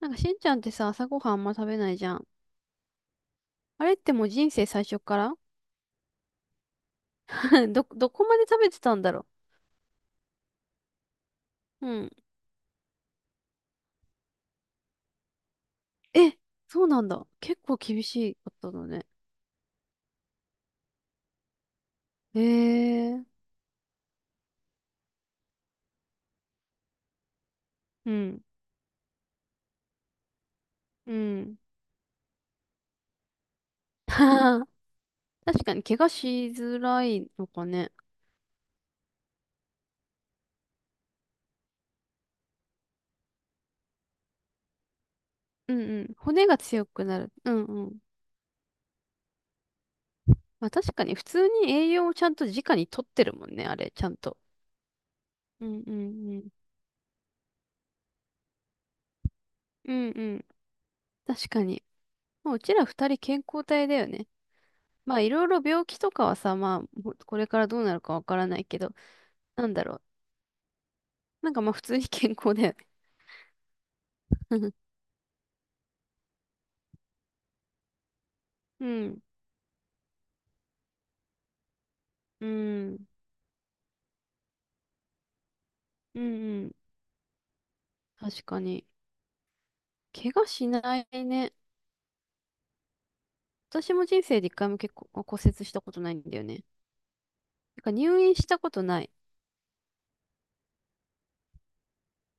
なんかしんちゃんってさ、朝ごはんあんま食べないじゃん。あれってもう人生最初から どこまで食べてたんだろう。うん。え、そうなんだ。結構厳しいことだね。へえ。うん。うん。確かに怪我しづらいのかね。うんうん。骨が強くなる。うんうん。まあ確かに普通に栄養をちゃんと直に取ってるもんね、あれ、ちゃんと。うんうんうん。うんうん。確かに。もううちら二人健康体だよね。まあいろいろ病気とかはさ、まあほこれからどうなるかわからないけど、なんだろう。なんかまあ普通に健康だよね。うん、うん、うん、うん。確かに。怪我しないね。私も人生で一回も結構骨折したことないんだよね。なんか入院したことない。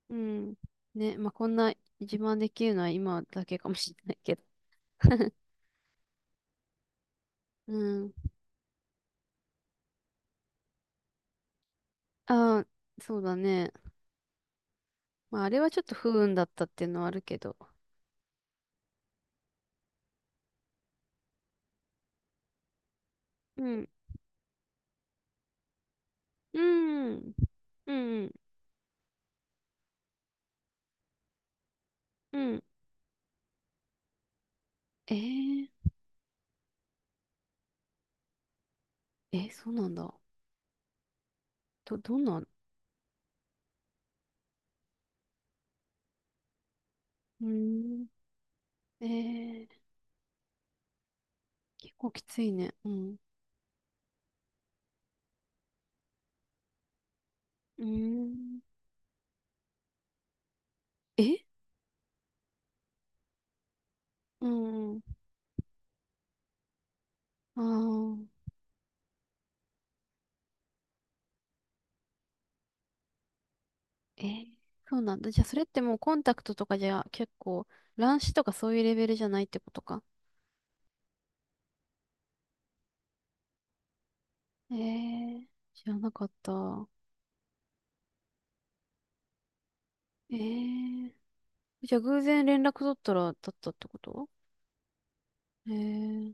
うん。ね、まあこんな自慢できるのは今だけかもしれないけど。うん。ああ、そうだね。まああれはちょっと不運だったっていうのはあるけど。うん。うん。うん。うん。えー、え、そうなんだ。どんな、うーん、えー、結構きついね。うん。うーん。えうん。ああ、えー、そうなんだ。じゃあ、それってもうコンタクトとかじゃ結構、乱視とかそういうレベルじゃないってことか。えー、知らなかった。えー、じゃあ、偶然連絡取ったら、だったってことえー、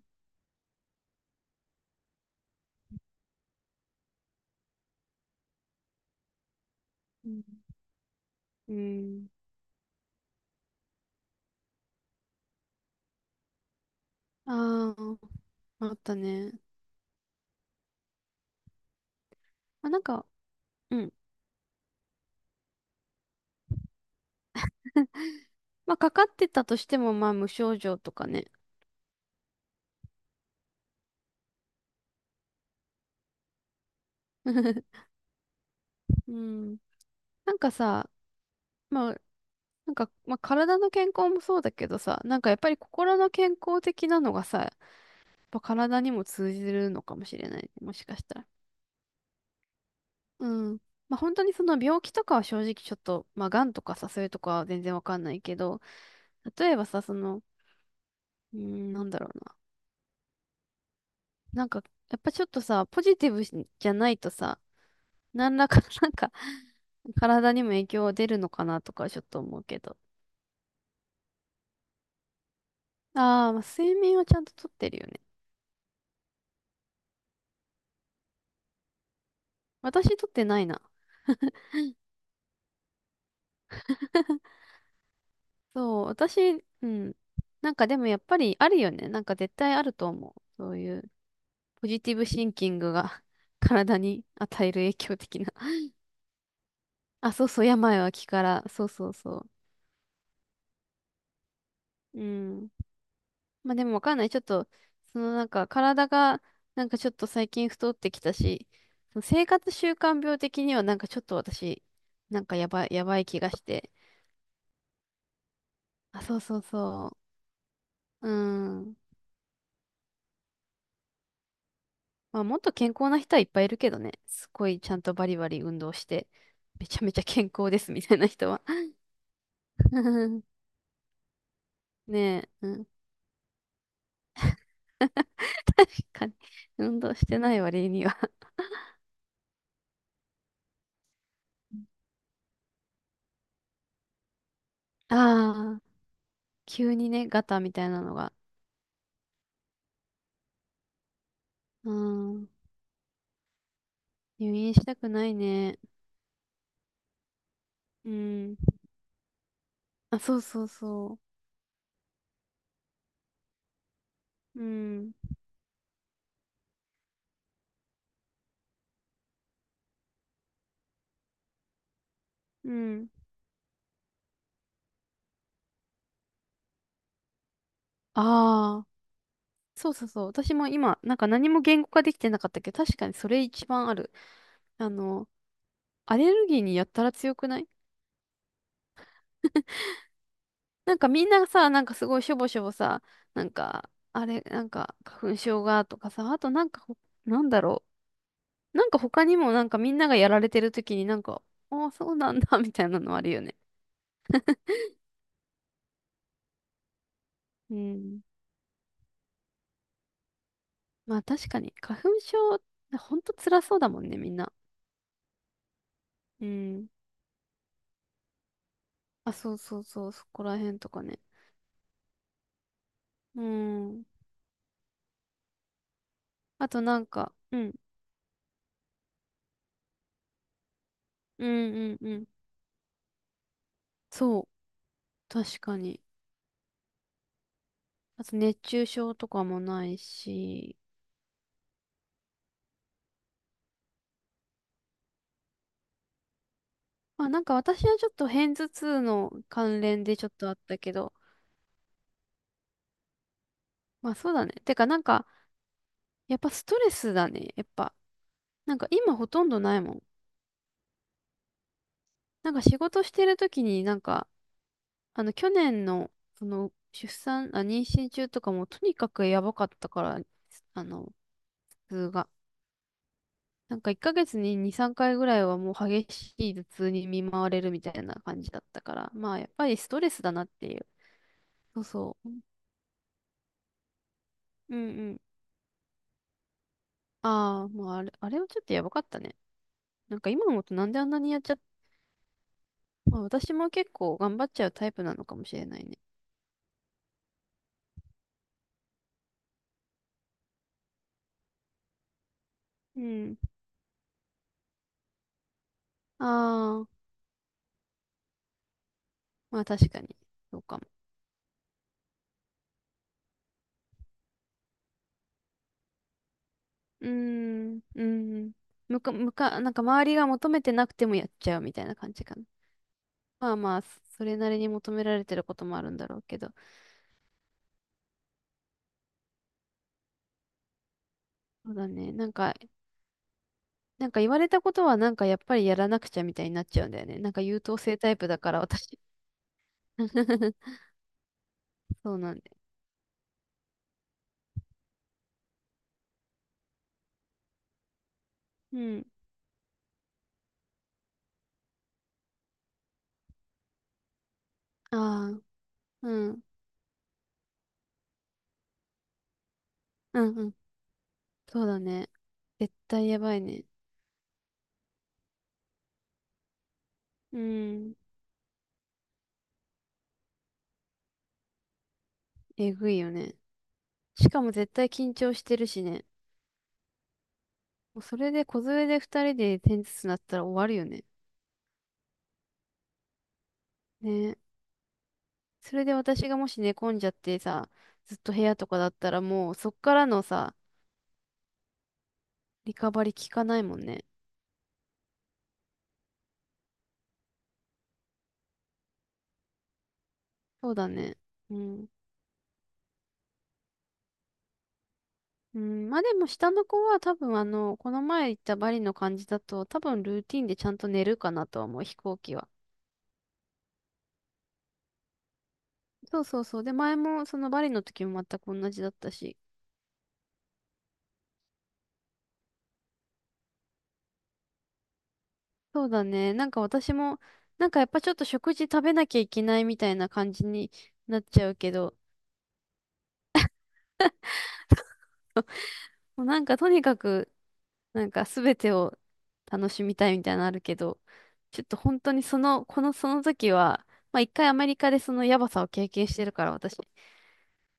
うん。うん。ああ、あったね。まあ、なんか、うん。まあ、かかってたとしても、まあ、無症状とかね。うん。なんかさ、まあ、なんか、まあ、体の健康もそうだけどさ、なんかやっぱり心の健康的なのがさ、やっぱ体にも通じるのかもしれないね。もしかしたら。うん。まあ、本当にその病気とかは正直ちょっと、まあ、癌とかさ、そういうとかは全然わかんないけど、例えばさ、その、うーん、なんだろうな。なんか、やっぱちょっとさ、ポジティブじゃないとさ、何らか、なんか、体にも影響出るのかなとかちょっと思うけど。ああ、まあ睡眠はちゃんととってるよね。私とってないな。そう、私、うん。なんかでもやっぱりあるよね。なんか絶対あると思う。そういうポジティブシンキングが 体に与える影響的な。あ、そうそう、病は気から。そうそうそう。うん。まあでもわかんない。ちょっと、そのなんか体がなんかちょっと最近太ってきたし、その生活習慣病的にはなんかちょっと私、なんかやばい気がして。あ、そうそうそう。うん。まあもっと健康な人はいっぱいいるけどね。すごいちゃんとバリバリ運動して、めちゃめちゃ健康ですみたいな人は。ねえ、うん。確かに。運動してない割には ああ、急にね、ガタみたいなのが。うん。入院したくないね。うん。あ、そうそうそう。うん。うん。ああ、そうそうそう。私も今、なんか何も言語化できてなかったけど、確かにそれ一番ある。あの、アレルギーにやったら強くないなんかみんなさ、なんかすごいしょぼしょぼさ、なんか、あれ、なんか花粉症がとかさ、あとなんかほ、なんだろう。なんか他にもなんかみんながやられてる時になんか、ああ、そうなんだ、みたいなのあるよね。うん。まあ確かに、花粉症、ほんと辛そうだもんね、みんな。うん。あ、そうそうそう、そこら辺とかね。うん。あとなんか、うん、うんうんうん。そう、確かに。あと熱中症とかもないし。まあなんか私はちょっと片頭痛の関連でちょっとあったけど。まあそうだね。てかなんか、やっぱストレスだね。やっぱ。なんか今ほとんどないもん。なんか仕事してる時になんか、あの去年の、その出産、あ、妊娠中とかもとにかくやばかったから、あの、頭痛が。なんか1ヶ月に2、3回ぐらいはもう激しい頭痛に見舞われるみたいな感じだったから、まあやっぱりストレスだなっていう。そうそう。うんうん。ああ、まああれ、あれはちょっとやばかったね。なんか今思うとなんであんなにやっちゃっまあ、私も結構頑張っちゃうタイプなのかもしれないね。うん。ああ、まあ確かに。そうかも。うーん、うん。むか、むか、なんか周りが求めてなくてもやっちゃうみたいな感じかな。まあまあ、それなりに求められてることもあるんだろうけど。そうだね。なんか言われたことはなんかやっぱりやらなくちゃみたいになっちゃうんだよね。なんか優等生タイプだから私 そうなんで。うん。ああ、うん。うんうん。そうだね。絶対やばいね。うん。えぐいよね。しかも絶対緊張してるしね。もうそれで小連れで二人で点ずつなったら終わるよね。ね。それで私がもし寝込んじゃってさ、ずっと部屋とかだったらもうそっからのさ、リカバリー効かないもんね。そうだね。うん。うん、まあでも下の子は多分あの、この前行ったバリの感じだと多分ルーティンでちゃんと寝るかなとは思う、飛行機は。そうそうそう。で、前もそのバリの時も全く同じだったし。そうだね。なんか私も、なんかやっぱちょっと食事食べなきゃいけないみたいな感じになっちゃうけど、もうなんかとにかく、なんか全てを楽しみたいみたいなのあるけど、ちょっと本当にその、このその時は、まあ一回アメリカでそのやばさを経験してるから私、そ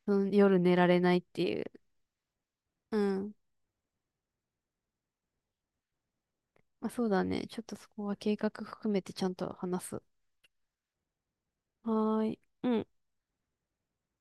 の夜寝られないっていう。うん。あ、そうだね。ちょっとそこは計画含めてちゃんと話す。はーい。うん